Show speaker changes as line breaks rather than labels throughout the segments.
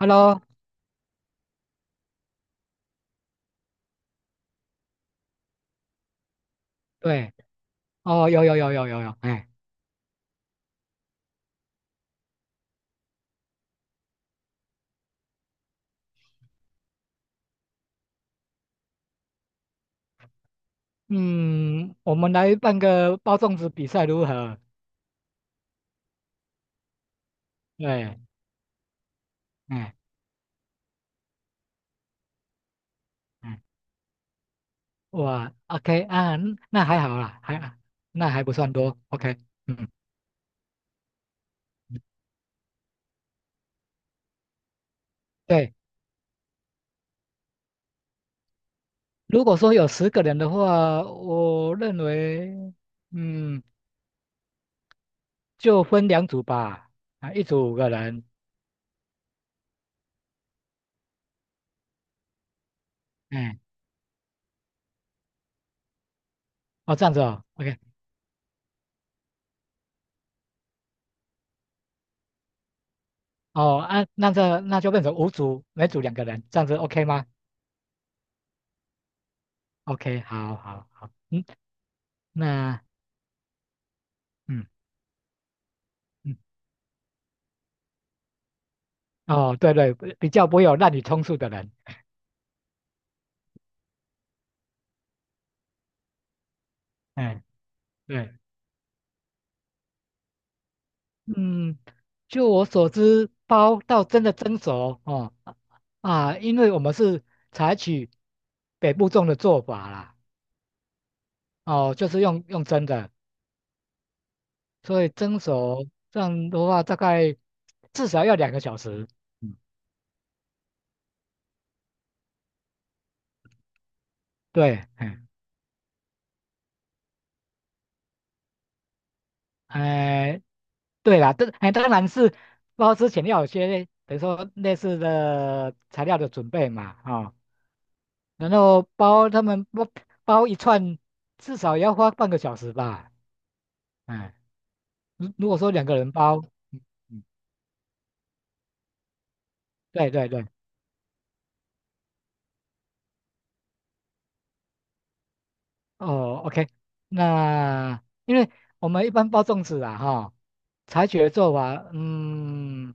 Hello，对，哦，有有有有有有，哎，嗯，我们来办个包粽子比赛如何？对，哎，哎，哇，OK 啊，嗯那还好啦，那还不算多，OK，嗯，对，如果说有十个人的话，我认为，嗯，就分两组吧，啊，一组五个人，哎，哦，这样子哦，OK，哦，啊，那就变成五组，每组两个人，这样子 OK 吗？OK，好好好，嗯，那。嗯。嗯，哦，对对，比较不会有滥竽充数的人，哎，对，嗯，就我所知，包到真的蒸熟哦啊，因为我们是采取北部粽的做法啦，哦，就是用蒸的，所以蒸熟这样的话，大概至少要两个小时。嗯，对，哎，哎，对啦，这哎当然是包之前要有些等于说类似的材料的准备嘛，啊、然后他们包一串，至少也要花半个小时吧。哎，如果说两个人包，嗯嗯，对对对，哦，OK，那因为我们一般包粽子啊，哈，采取的做法，嗯，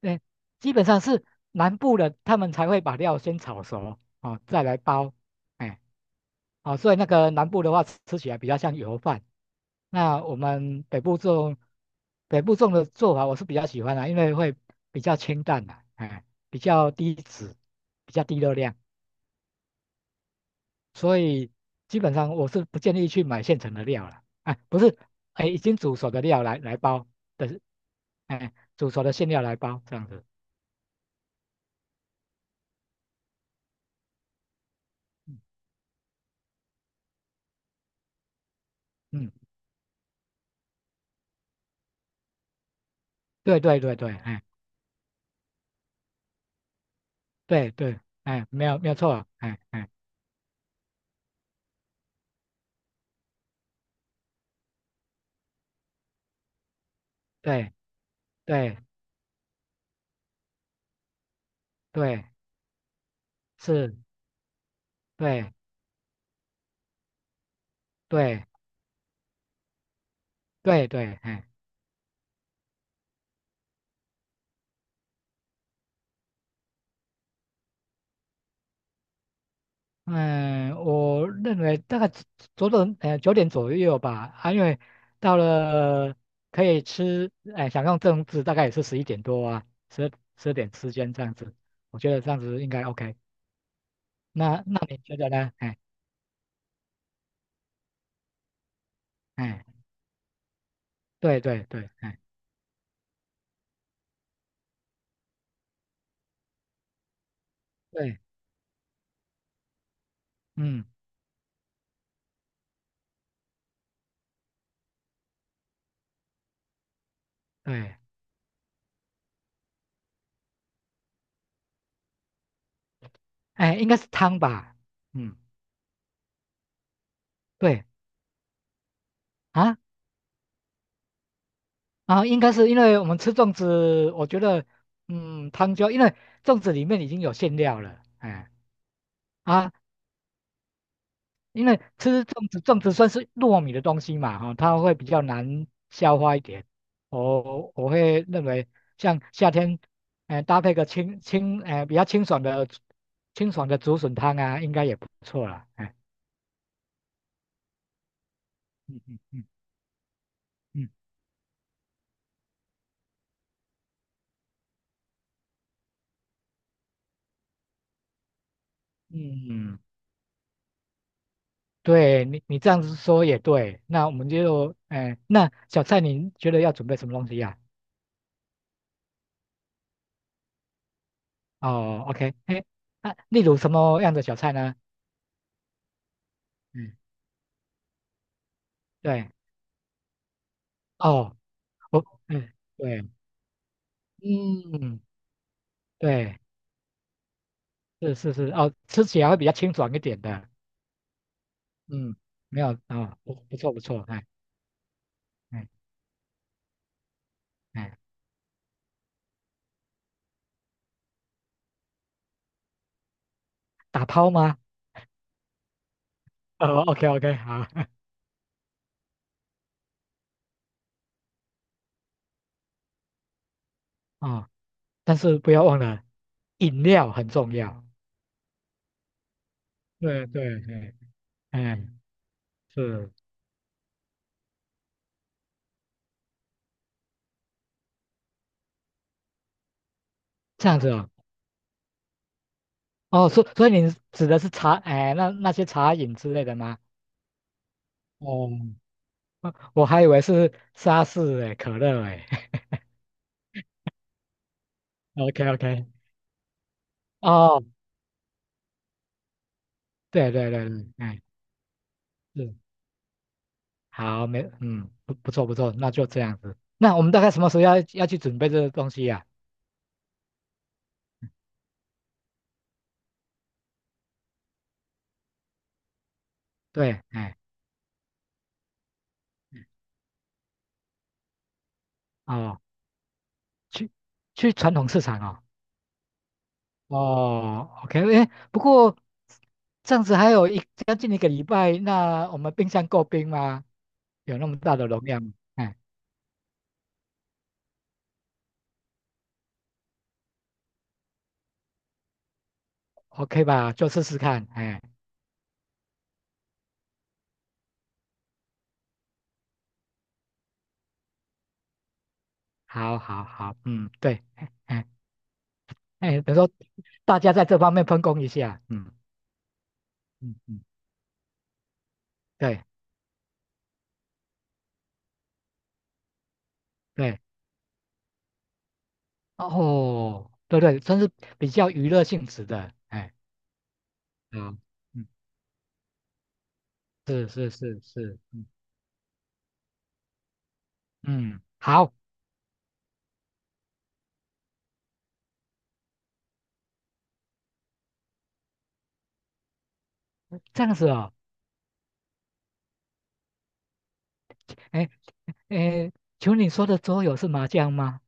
对，基本上是南部的他们才会把料先炒熟，哦，再来包，哎，啊，所以那个南部的话吃起来比较像油饭，那我们北部种的做法我是比较喜欢的、因为会比较清淡的、哎，比较低脂，比较低热量，所以基本上我是不建议去买现成的料了，哎，不是，哎，已经煮熟的料来包的，哎，煮熟的馅料来包这样子，嗯，嗯对对对对，哎，对对，哎，没有没有错，哎哎，对对对，是，对。对对对，哎，嗯，我认为大概左左呃九点左右吧，啊，因为到了可以吃，哎，享用正治大概也是十一点多啊，十点之间这样子，我觉得这样子应该 OK。那你觉得呢？哎哎，对对对，哎对，嗯对，哎，应该是汤吧，嗯对啊啊，应该是因为我们吃粽子，我觉得嗯汤就因为粽子里面已经有馅料了，哎。啊，因为吃粽子，粽子算是糯米的东西嘛，哈、它会比较难消化一点。我会认为，像夏天，搭配个清清，呃，比较清爽的竹笋汤啊，应该也不错啦。哎，嗯嗯嗯嗯嗯，对你这样子说也对。那我们就，哎、那小菜你觉得要准备什么东西呀、哦，OK，哎，那例如什么样的小菜呢？嗯，对，哦，我，嗯。对。嗯，对，是是是，哦，吃起来会比较清爽一点的。嗯，没有啊，不错不错，哎哎哎，打抛吗？哦，OK OK，好，啊，但是不要忘了，饮料很重要。对对对，哎，是这样子哦。哦，所以你指的是茶，哎，那些茶饮之类的吗？哦，我还以为是沙士哎，可乐哎。OK OK，哦，对对对对，哎。是。好，没，嗯，不错不错，那就这样子。那我们大概什么时候要去准备这个东西呀、对，哎，哦，去去传统市场哦。哦，OK，哎，不过这样子还有将近一个礼拜，那我们冰箱够冰吗？有那么大的容量吗哎，OK 吧，就试试看。哎，好好好，嗯，对，哎哎，哎等于说大家在这方面分工一下，嗯嗯嗯，对对。哦，对对，算是比较娱乐性质的，哎，嗯嗯，是是是是，嗯嗯，好，这样子哦，哎哎，请问你说的桌游是麻将吗？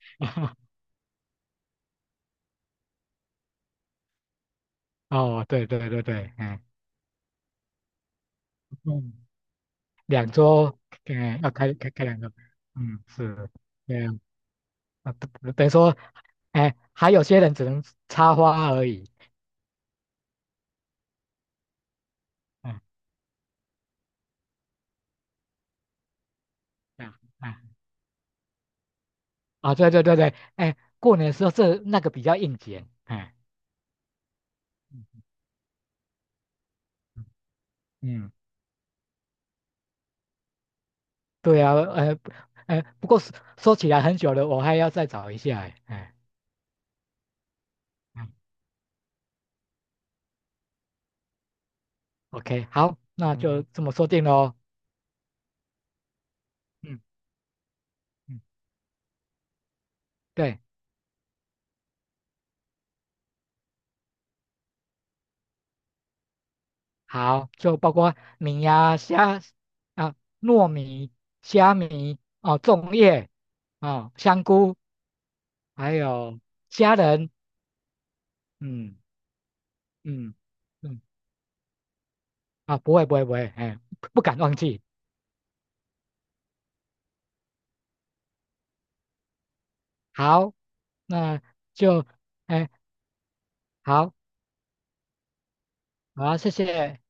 哦，对对对对，哎 嗯，两桌，哎，要开两个，嗯，是，对啊，啊于说，哎，还有些人只能插花而已，嗯，这样哎，啊，对对对对，哎，过年的时候这那个比较应景，哎，嗯嗯。对啊，不过说起来很久了，我还要再找一下欸，哎，嗯，OK，好，那就嗯这么说定喽。嗯嗯，对，好，就包括米呀、虾啊、糯米、虾米哦、粽叶哦、香菇，还有虾仁，嗯嗯嗯，啊，不会不会不会，哎，不敢忘记。好，那就哎好，好，谢谢。